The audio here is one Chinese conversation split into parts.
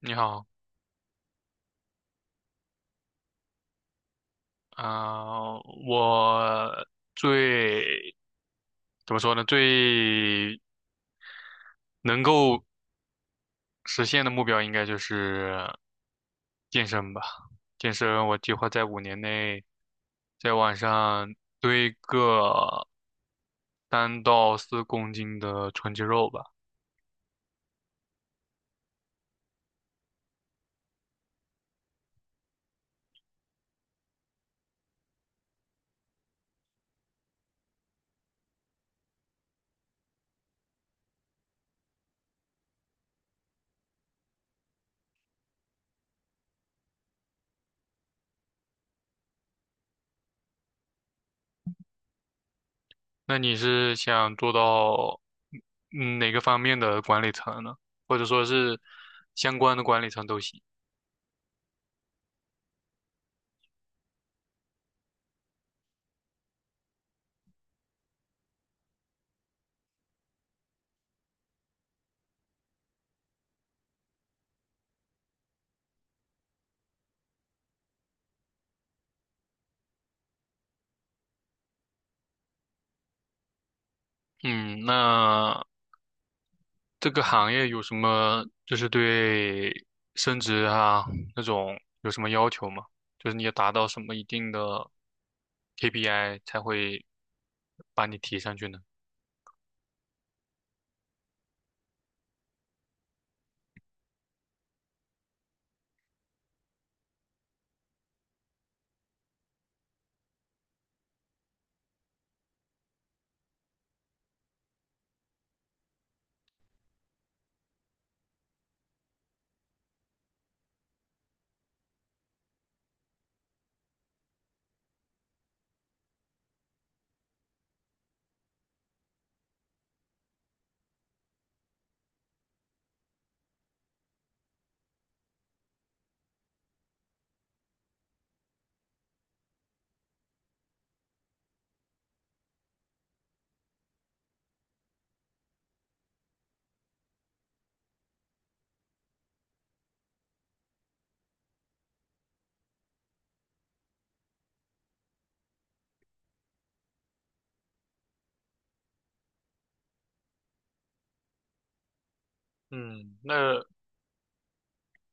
你好，啊、我最怎么说呢？最能够实现的目标应该就是健身吧。健身，我计划在五年内在晚上堆个3到4公斤的纯肌肉吧。那你是想做到哪个方面的管理层呢？或者说是相关的管理层都行？嗯，那，这个行业有什么就是对升职啊那种有什么要求吗？就是你要达到什么一定的 KPI 才会把你提上去呢？嗯，那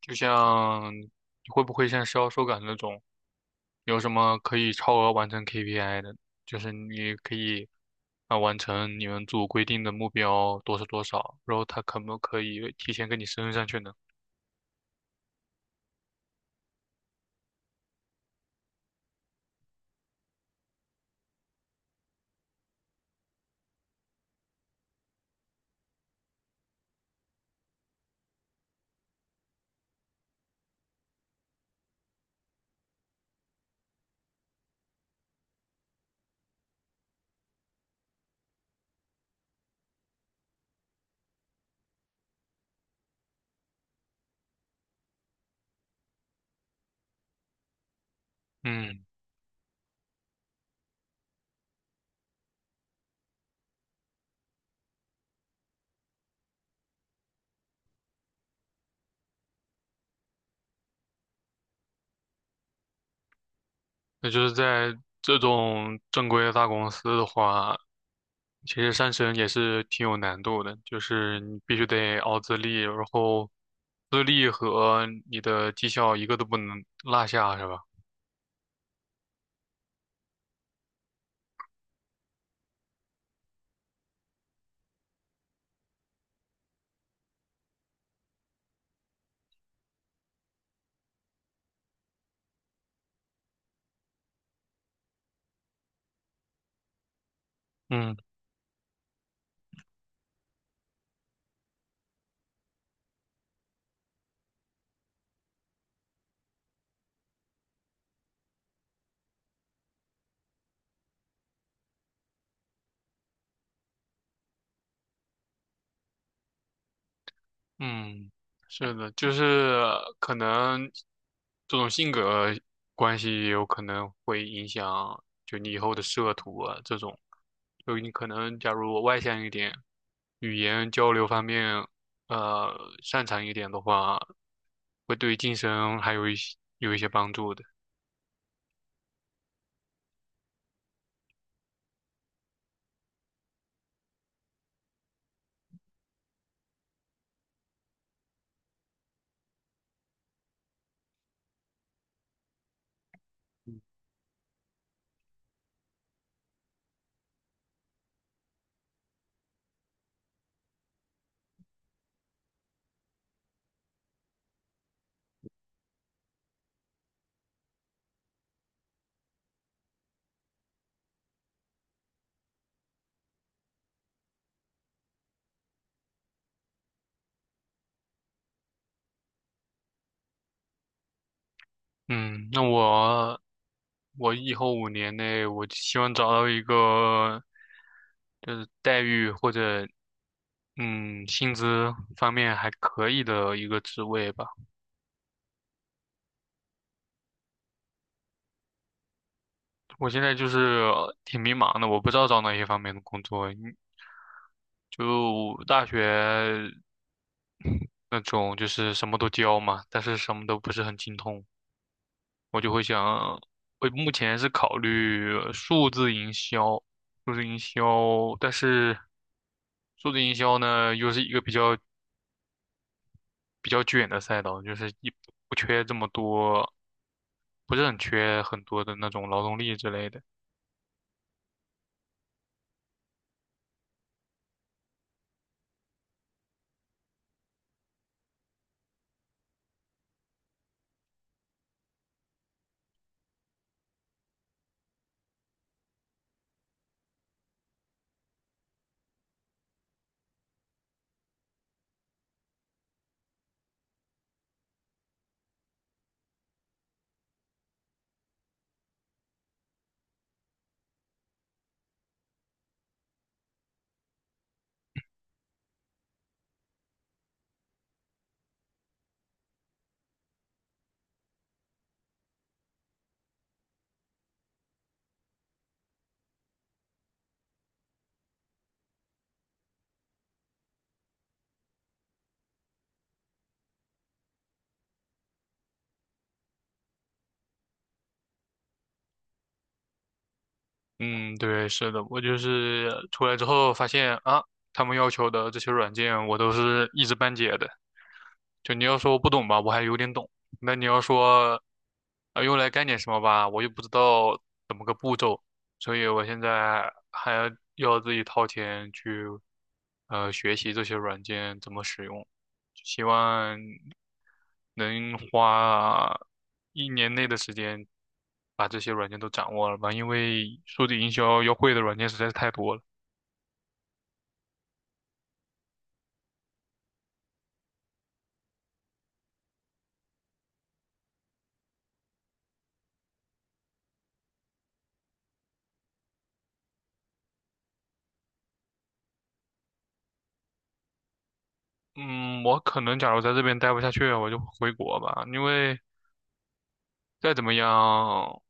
就像你会不会像销售岗那种，有什么可以超额完成 KPI 的？就是你可以完成你们组规定的目标多少多少，然后他可不可以提前给你升上去呢？嗯。那就是在这种正规的大公司的话，其实上升也是挺有难度的，就是你必须得熬资历，然后资历和你的绩效一个都不能落下，是吧？嗯，嗯，是的，就是可能这种性格关系也有可能会影响，就你以后的仕途啊这种。就你可能假如我外向一点，语言交流方面呃擅长一点的话，会对晋升还有一些帮助的。嗯，那我以后五年内，我就希望找到一个就是待遇或者薪资方面还可以的一个职位吧。我现在就是挺迷茫的，我不知道找哪些方面的工作。你就大学那种就是什么都教嘛，但是什么都不是很精通。我就会想，我目前是考虑数字营销，数字营销，但是数字营销呢，又是一个比较卷的赛道，就是一不缺这么多，不是很缺很多的那种劳动力之类的。嗯，对，是的，我就是出来之后发现啊，他们要求的这些软件，我都是一知半解的。就你要说我不懂吧，我还有点懂。那你要说，啊，用来干点什么吧，我又不知道怎么个步骤，所以我现在还要自己掏钱去，学习这些软件怎么使用，希望能花1年内的时间把这些软件都掌握了吧，因为数字营销要会的软件实在是太多了。嗯，我可能假如在这边待不下去，我就回国吧，因为再怎么样。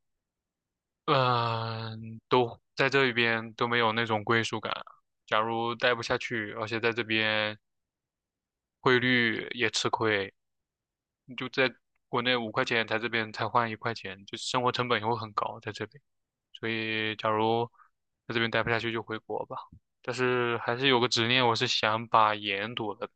嗯，都在这一边都没有那种归属感。假如待不下去，而且在这边汇率也吃亏，你就在国内5块钱，在这边才换1块钱，就生活成本也会很高在这边。所以，假如在这边待不下去，就回国吧。但是还是有个执念，我是想把研读了。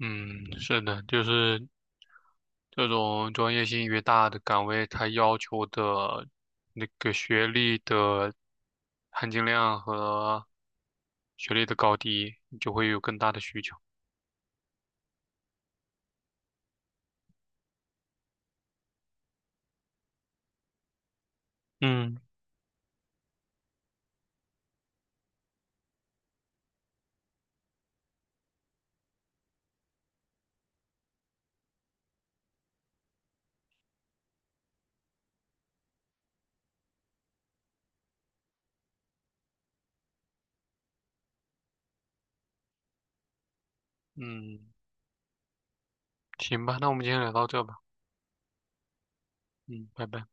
嗯，是的，就是这种专业性越大的岗位，它要求的那个学历的含金量和学历的高低，就会有更大的需求。嗯嗯，行吧，那我们今天聊到这吧。嗯，拜拜。